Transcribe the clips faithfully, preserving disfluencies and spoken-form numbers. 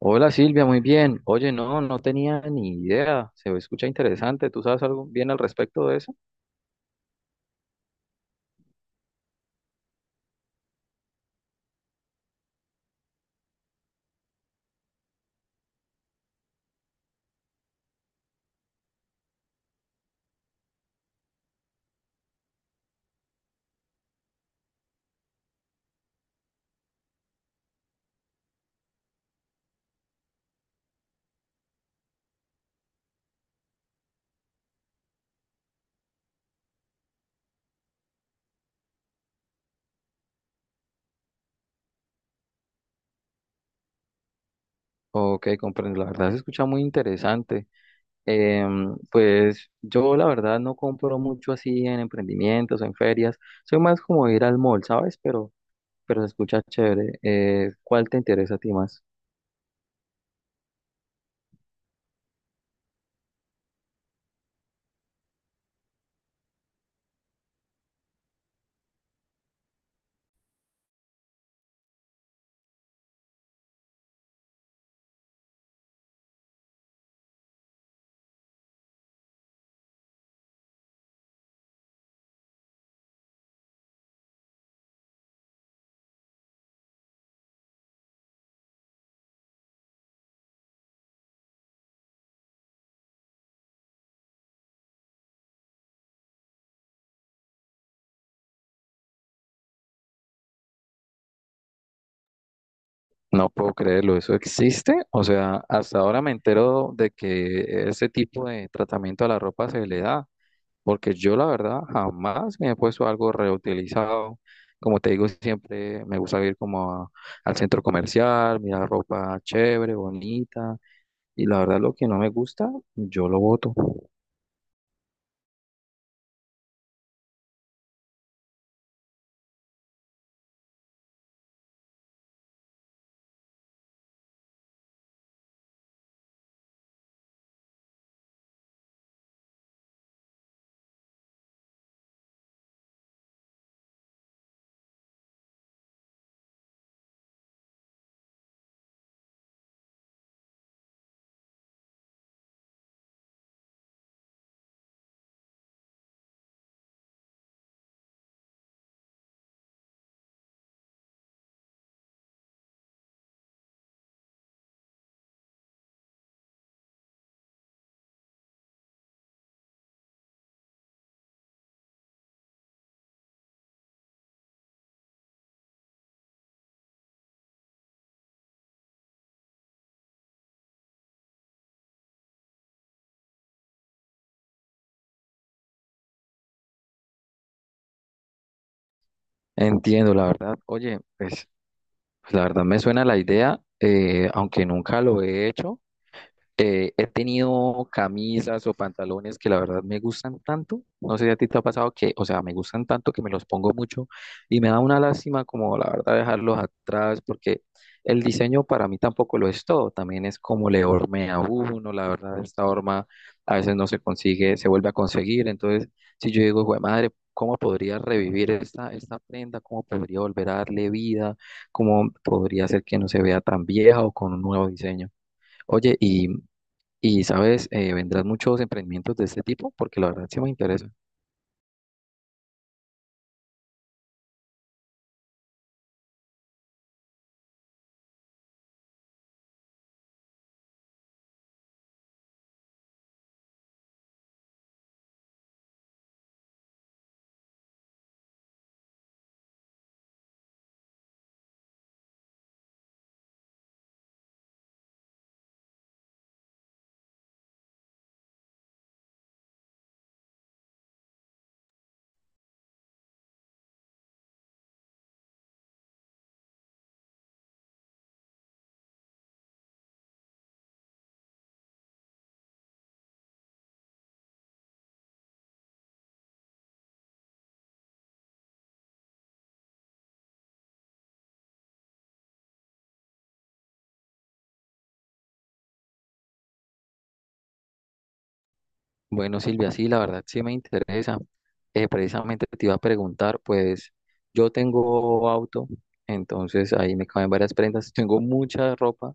Hola Silvia, muy bien. Oye, no, no tenía ni idea. Se escucha interesante. ¿Tú sabes algo bien al respecto de eso? Ok, comprendo. La verdad se escucha muy interesante. Em, pues yo la verdad no compro mucho así en emprendimientos o en ferias. Soy más como ir al mall, ¿sabes? Pero, pero se escucha chévere. Eh, ¿cuál te interesa a ti más? No puedo creerlo, ¿eso existe? O sea, hasta ahora me entero de que ese tipo de tratamiento a la ropa se le da. Porque yo la verdad jamás me he puesto algo reutilizado. Como te digo, siempre me gusta ir como a- al centro comercial, mirar ropa chévere, bonita. Y la verdad lo que no me gusta, yo lo boto. Entiendo, la verdad. Oye, pues pues, la verdad me suena la idea, eh, aunque nunca lo he hecho. Eh, he tenido camisas o pantalones que la verdad me gustan tanto. No sé si a ti te ha pasado que, o sea, me gustan tanto que me los pongo mucho y me da una lástima como la verdad dejarlos atrás porque el diseño para mí tampoco lo es todo. También es como le hormea a uno, la verdad, esta horma a veces no se consigue, se vuelve a conseguir. Entonces, si yo digo, güey, madre, ¿cómo podría revivir esta, esta prenda? ¿Cómo podría volver a darle vida? ¿Cómo podría hacer que no se vea tan vieja o con un nuevo diseño? Oye, y y sabes, Eh, vendrán muchos emprendimientos de este tipo porque la verdad sí me interesa. Bueno, Silvia, sí, la verdad sí me interesa. Eh, precisamente te iba a preguntar, pues yo tengo auto, entonces ahí me caben varias prendas. Tengo mucha ropa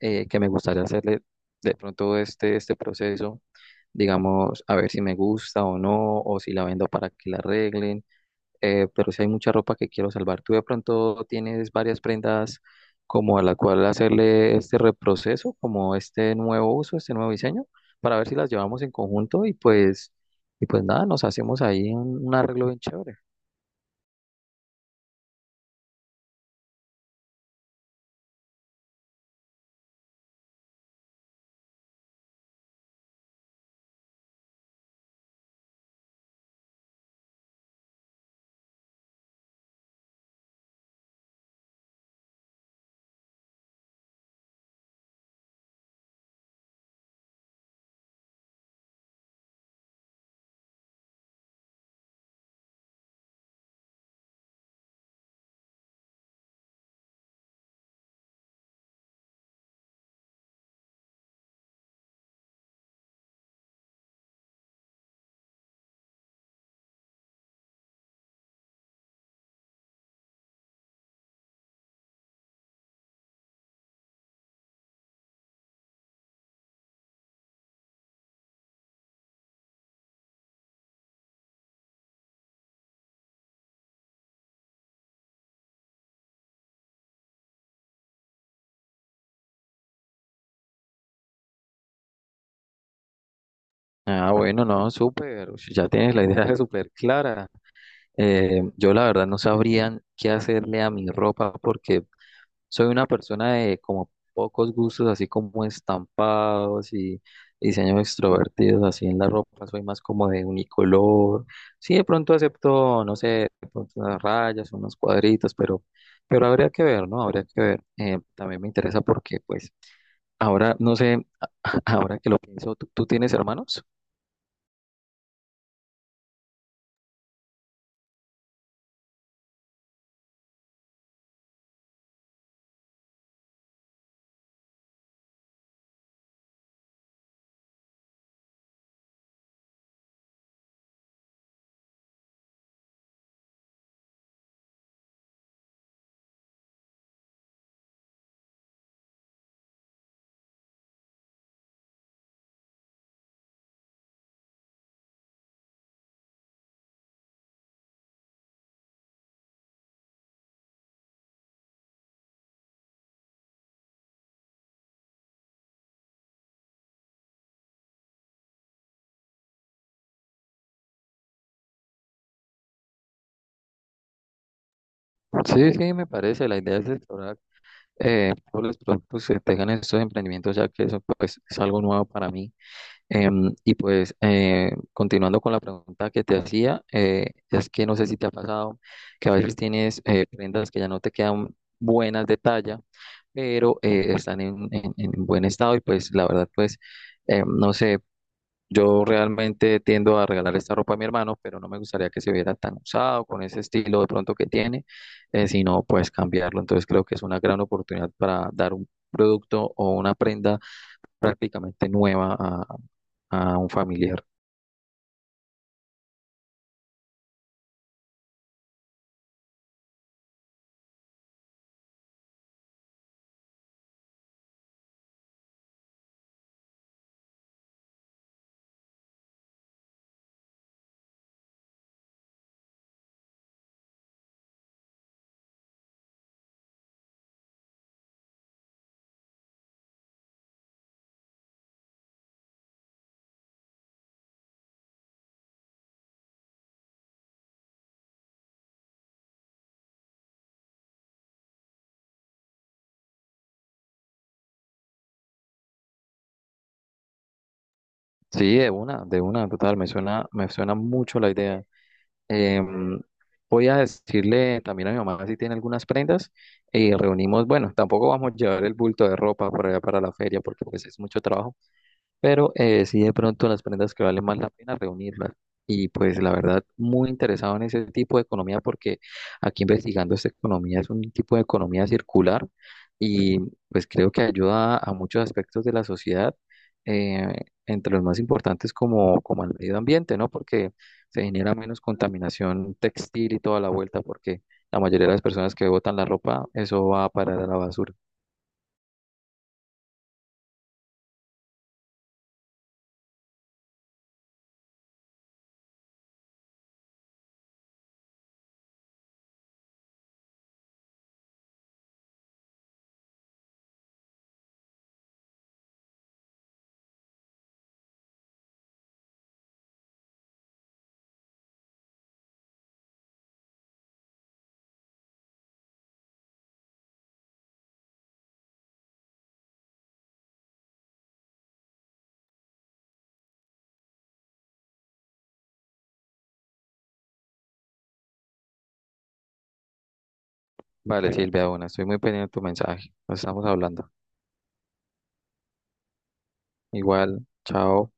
eh, que me gustaría hacerle de pronto este, este proceso, digamos, a ver si me gusta o no, o si la vendo para que la arreglen. Eh, pero sí hay mucha ropa que quiero salvar. ¿Tú de pronto tienes varias prendas como a la cual hacerle este reproceso, como este nuevo uso, este nuevo diseño, para ver si las llevamos en conjunto y pues, y pues nada, nos hacemos ahí un, un arreglo bien chévere? Ah, bueno, no, súper, ush, ya tienes la idea súper clara. Eh, yo la verdad no sabría qué hacerle a mi ropa porque soy una persona de como pocos gustos, así como estampados y diseños extrovertidos, así en la ropa. Soy más como de unicolor. Sí, de pronto acepto, no sé, de pronto unas rayas, unos cuadritos, pero, pero habría que ver, ¿no? Habría que ver. Eh, también me interesa porque, pues, ahora, no sé, ahora que lo pienso, ¿tú, tú tienes hermanos? Sí, sí, me parece. La idea es explorar eh, todos los productos que tengan estos emprendimientos, ya que eso, pues, es algo nuevo para mí. Em, y pues eh, continuando con la pregunta que te hacía, eh, es que no sé si te ha pasado que a veces tienes eh, prendas que ya no te quedan buenas de talla, pero eh, están en, en- en buen estado y pues la verdad pues eh, no sé, yo realmente tiendo a regalar esta ropa a mi hermano, pero no me gustaría que se viera tan usado con ese estilo de pronto que tiene, eh, sino pues cambiarlo. Entonces creo que es una gran oportunidad para dar un producto o una prenda prácticamente nueva a, a un familiar. Sí, de una, de una, total, me suena, me suena mucho la idea. Em, Voy a decirle también a mi mamá si tiene algunas prendas y reunimos, bueno, tampoco vamos a llevar el bulto de ropa para, allá para la feria porque pues es mucho trabajo, pero eh, sí de pronto las prendas que vale más la pena reunirlas. Y pues la verdad, muy interesado en ese tipo de economía porque aquí investigando esta economía es un tipo de economía circular y pues creo que ayuda a muchos aspectos de la sociedad, eh, entre los más importantes como, como el medio ambiente, ¿no? Porque se genera menos contaminación textil y toda la vuelta porque la mayoría de las personas que botan la ropa, eso va a parar a la basura. Vale, Silvia, bueno, estoy muy pendiente de tu mensaje. Nos estamos hablando. Igual, chao.